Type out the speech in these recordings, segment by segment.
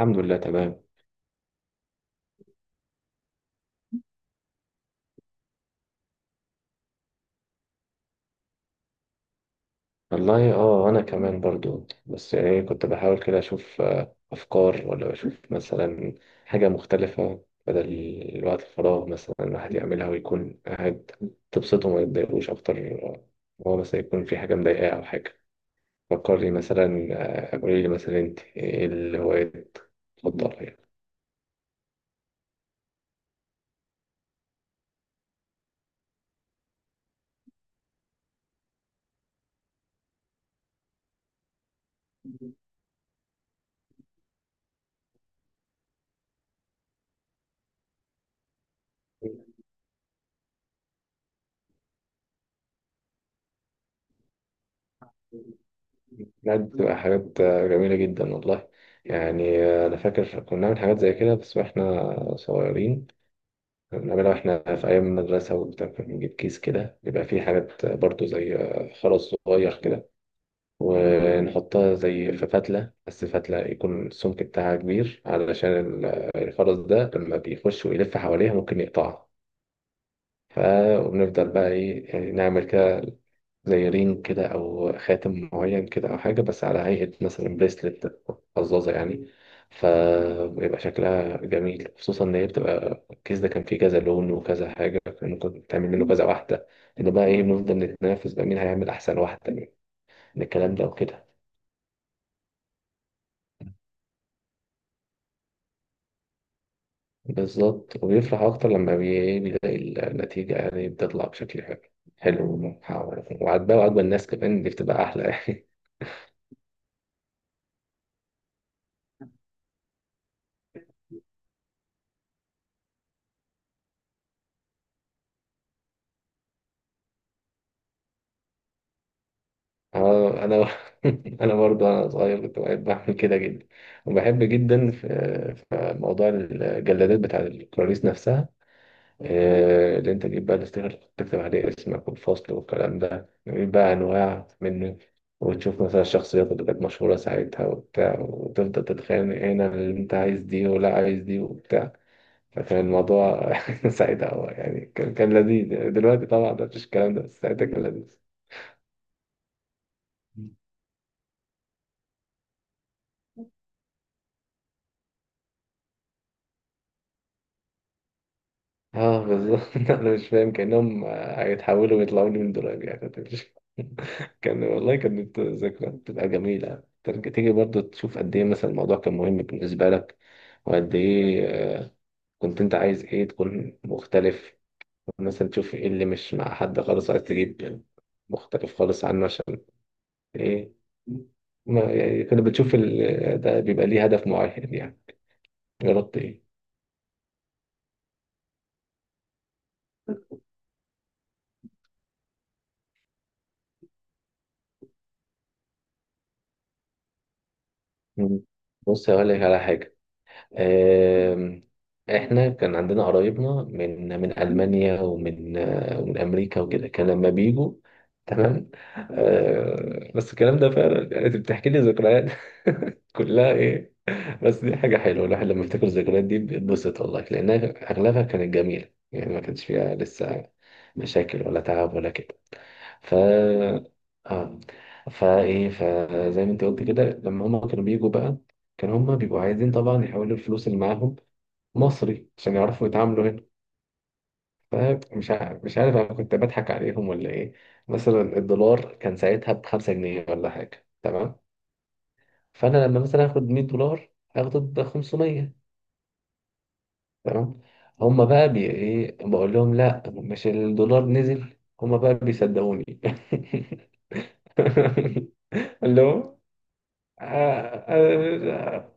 الحمد لله تمام. والله اه، انا كمان برضو، بس يعني كنت بحاول كده اشوف افكار، ولا اشوف مثلا حاجه مختلفه بدل الوقت الفراغ مثلا الواحد يعملها ويكون قاعد تبسطه وما يتضايقوش اكتر. هو مثلا يكون في حاجه مضايقاه او حاجه. فكرني مثلا. قولي لي مثلا، انت ايه الهوايات المفضله يعني؟ بجد بتبقى حاجات جميله جدا والله. يعني انا فاكر كنا بنعمل حاجات زي كده بس واحنا صغيرين، بنعملها واحنا في أيام المدرسة وبتاع. كنا بنجيب كيس كده بيبقى فيه حاجات برضو زي خرز صغير كده، ونحطها زي في فتلة، بس فتلة يكون السمك بتاعها كبير علشان ال- الخرز ده لما بيخش ويلف حواليها ممكن يقطعها. فبنفضل بقى إيه، نعمل كده زي رينج كده او خاتم معين كده او حاجه، بس على هيئه مثلا بريسلت، قزازه يعني. فبيبقى شكلها جميل، خصوصا ان هي بتبقى الكيس ده كان فيه كذا لون وكذا حاجه، كان ممكن تعمل منه كذا واحده. ان بقى ايه، بنفضل نتنافس بقى مين هيعمل احسن واحده يعني، من الكلام ده وكده. بالظبط، وبيفرح اكتر لما بيلاقي النتيجه يعني بتطلع بشكل حلو، حلو ومحاور وعاجباه، وعاجبه الناس كمان، دي بتبقى احلى يعني. اه انا انا برضو انا صغير كنت بحب اعمل كده جدا. وبحب جدا في موضوع الجلادات بتاع الكراريس نفسها. اللي انت تجيب بقى الاستيكر اللي تكتب عليه اسمك والفصل والكلام ده، تجيب بقى انواع منه، وتشوف مثلا الشخصيات اللي كانت مشهوره ساعتها وبتاع، وتفضل تتخانق هنا اللي انت عايز دي ولا عايز دي وبتاع. فكان الموضوع ساعتها هو يعني كان لذيذ. دلوقتي طبعا مفيش الكلام ده، بس ساعتها كان لذيذ. اه بالظبط. انا مش فاهم كانهم هيتحولوا ويطلعوا لي من دولاب، يعني أنا مش- كان، والله كانت ذكريات بتبقى جميله، ترجع تيجي برضو تشوف قد ايه مثلا الموضوع كان مهم بالنسبه لك، وقد ايه آه، كنت انت عايز ايه تكون مختلف، مثلا تشوف ايه اللي مش مع حد خالص، عايز تجيب مختلف خالص عنه عشان ايه. ما يعني كنا بتشوف ال... ده بيبقى ليه هدف معين يعني. جربت ايه؟ مم. بص هقول لك على حاجه. آم، احنا كان عندنا قرايبنا من المانيا، ومن امريكا وكده، كان لما بيجوا. تمام. بس الكلام ده فعلا يعني انت بتحكي لي ذكريات كلها ايه. بس دي حاجه حلوه الواحد لما يفتكر الذكريات دي بيتبسط، والله، لانها اغلبها كانت جميله يعني، ما كانش فيها لسه مشاكل ولا تعب ولا كده. ف، اه، فزي ما انت قلت كده، لما هما كانوا بيجوا بقى كانوا هما بيبقوا عايزين طبعا يحولوا الفلوس اللي معاهم مصري عشان يعرفوا يتعاملوا هنا. فمش عارف مش عارف انا كنت بضحك عليهم ولا ايه. مثلا الدولار كان ساعتها ب 5 جنيه ولا حاجة، تمام؟ فانا لما مثلا اخد $100 هاخده ب 500، تمام. هما بقى بي ايه، بقول لهم لا، مش الدولار نزل، هما بقى بيصدقوني. اللي هو آه، آه، آه،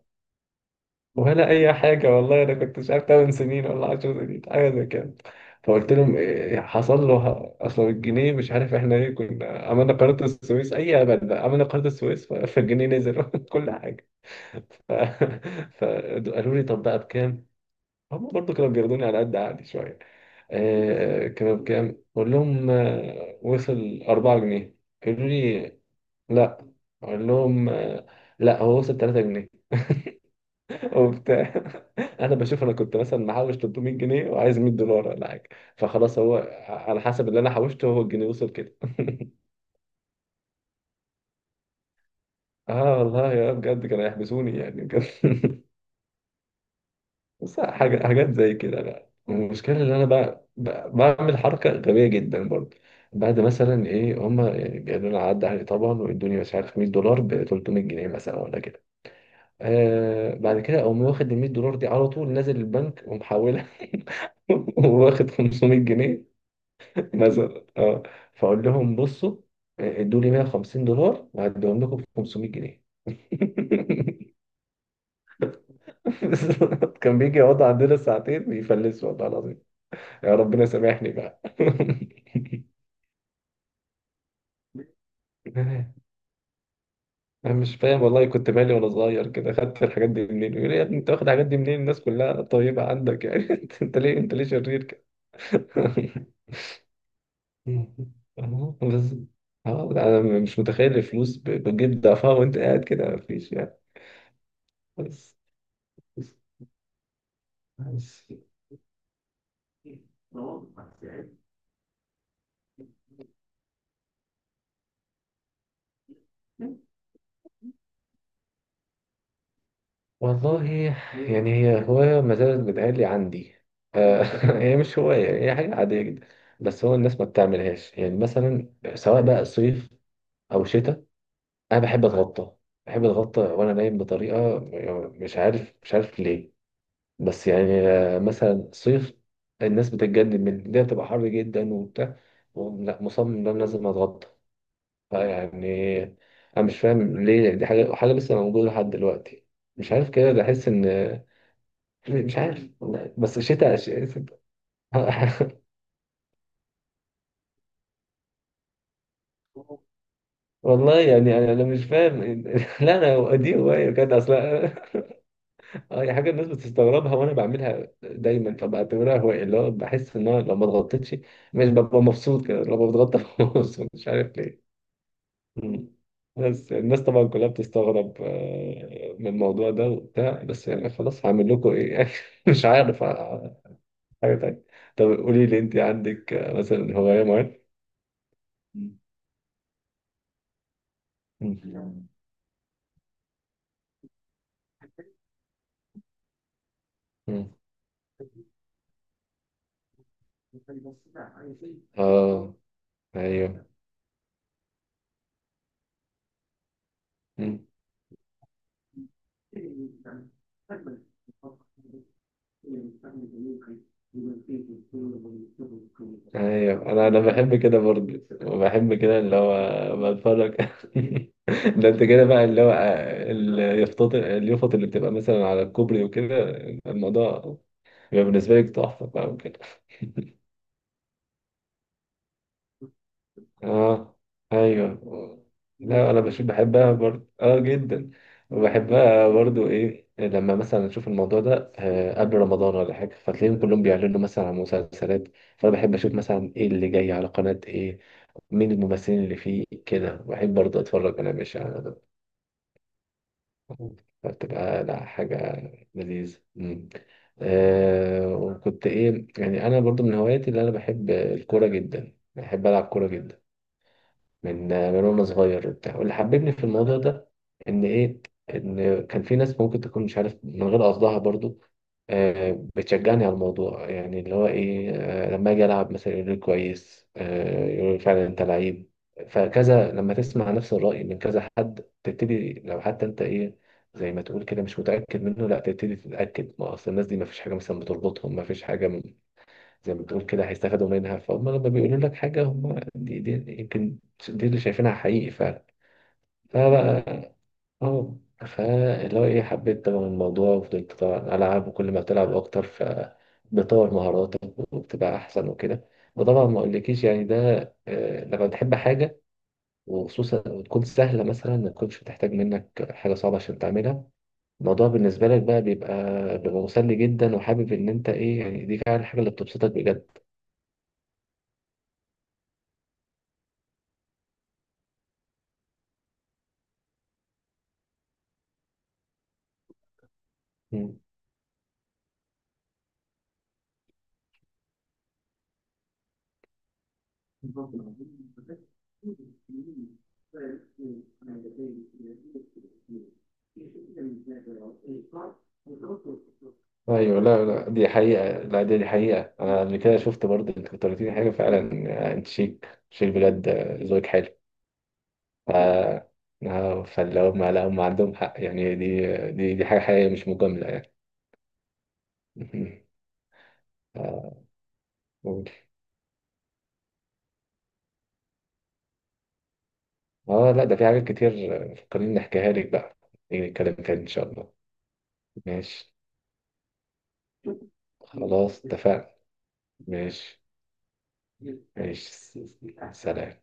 ولا اي حاجه، والله انا كنت مش عارف، 8 سنين ولا 10 سنين، حاجه زي كده. فقلت لهم إيه حصل له، اصل الجنيه مش عارف احنا ايه، كنا عملنا قناه السويس، اي ابدا، عملنا قناه السويس، فالجنيه نزل كل حاجه. ف... فقالوا لي طب بقى بكام؟ هم برضه كانوا بياخدوني على قد عقلي شويه. آه كانوا بكام؟ قول لهم، وصل 4 جنيه. قالوا لي لا. اقول لهم لا، هو وصل 3 جنيه وبتاع. انا بشوف انا كنت مثلا محوش 300 جنيه وعايز $100 ولا حاجه، فخلاص هو على حسب اللي انا حوشته هو الجنيه وصل كده. اه والله، يا بجد كانوا يحبسوني يعني بجد. بس حاجة، حاجات زي كده بقى، المشكلة إن أنا بعمل حركة غبية جدا برضه. بعد مثلا إيه، هما يعني بيقولوا لنا عدى عليه طبعا، ويدوني مش عارف $100 ب 300 جنيه مثلا ولا كده. آه بعد كده أقوم واخد ال $100 دي على طول نازل البنك ومحولها، واخد 500 جنيه مثلا، اه. فاقول لهم بصوا، ادوا لي $150 وهديهم لكم ب 500 جنيه. بالظبط. كان بيجي يقعد عندنا ساعتين بيفلس، والله العظيم. يا ربنا سامحني بقى. انا مش فاهم والله، كنت مالي وانا صغير كده، خدت الحاجات دي منين. يقول لي يا ابني انت واخد الحاجات دي منين، الناس كلها طيبة عندك يعني، انت، أنت ليه، انت ليه شرير كده. بس اه انا مش متخيل الفلوس بتجيب ضعفها وانت قاعد كده مفيش يعني. بس، والله يعني، هي هواية ما زالت بتهيألي عندي، آه، هي مش هواية، هي حاجة عادية جدا، بس هو الناس ما بتعملهاش يعني. مثلا سواء بقى صيف أو شتاء، أنا بحب أتغطى، بحب أتغطى وأنا نايم بطريقة مش عارف ليه. بس يعني مثلا صيف، الناس بتتجنن من ده، بتبقى حر جدا وبتاع، ولا مصمم إن أنا لازم أتغطى يعني. انا مش فاهم ليه دي حاجه، حاجه لسه موجوده لحد دلوقتي. مش عارف كده، بحس ان مش عارف، والله. بس شتاء، والله يعني انا مش فاهم. لا، انا دي هوايه بجد اصلا. اي حاجه الناس بتستغربها وانا بعملها دايما، فبعتبرها هوايه. اللي هو بحس ان انا لو ما اتغطيتش مش ببقى مبسوط كده، لو ما بتغطى ببقى مبسوط، مش عارف ليه. مم. بس الناس طبعا كلها بتستغرب من الموضوع ده وبتاع، بس يعني خلاص هعمل لكم ايه يعني. مش عارف. حاجة تانية. طب قولي لي، انت عندك مثلا هواية معينة؟ مم. مم. مم. اه. ايوه. مم. ايوه انا بحب كده برضه، وبحب كده اللي هو بتفرج. ده انت كده بقى اللي هو اليافط اللي بتبقى مثلا على الكوبري وكده، الموضوع بيبقى بالنسبة لك تحفة بقى وكده. اه ايوه. لا انا بحبها برضه، اه، جدا. وبحبها برضه ايه، لما مثلا اشوف الموضوع ده قبل رمضان ولا حاجه، فتلاقيهم كلهم بيعلنوا مثلا عن مسلسلات. فانا بحب اشوف مثلا ايه اللي جاي على قناه ايه، مين الممثلين اللي فيه كده، بحب برضه اتفرج انا مش على ده. فبتبقى، لا، حاجه لذيذه. مم. آه، وكنت ايه يعني، انا برضه من هواياتي اللي انا بحب، الكوره جدا، بحب العب كوره جدا من من وانا صغير وبتاع. واللي حببني في الموضوع ده ان ايه، ان كان في ناس ممكن تكون مش عارف من غير قصدها برضو بتشجعني على الموضوع. يعني اللي هو ايه، لما اجي العب مثلا يقول لي كويس، يقول لي فعلا انت لعيب. فكذا لما تسمع نفس الرأي من كذا حد، تبتدي لو حتى انت ايه، زي ما تقول كده، مش متأكد منه، لا تبتدي تتأكد. ما اصل الناس دي ما فيش حاجة مثلا بتربطهم، ما فيش حاجة زي ما بتقول كده هيستفادوا منها، فهم لما بيقولوا لك حاجة هم دي، يمكن دي اللي شايفينها حقيقي فعلا. فبقى، اه، فاللي هو ايه، حبيت طبعا الموضوع وفضلت طبعا ألعب، وكل ما بتلعب أكتر فبتطور مهاراتك وبتبقى أحسن وكده. وطبعا ما أقولكيش يعني ده، لما بتحب حاجة، وخصوصا وتكون سهلة مثلا، ما تكونش بتحتاج منك حاجة صعبة عشان تعملها، الموضوع بالنسبة لك بقى بيبقى، مسلي جدا، وحابب إن أنت إيه يعني، دي فعلا الحاجة اللي بتبسطك بجد. ايوه لا لا، دي حقيقة، لا دي حقيقة. انا قبل كده شفت برضه، انت كنت قلت لي حاجة فعلا، انت شيك شيك بجد، ذوقك حلو. ف فاللي هم، لا هم عندهم حق يعني، دي حاجة حقيقية مش مجاملة يعني. آه، قول. اه لا ده في حاجات كتير فكرني نحكيها لك بقى. نيجي نتكلم تاني ان شاء الله. ماشي، خلاص اتفقنا. ماشي. ماشي. سلام.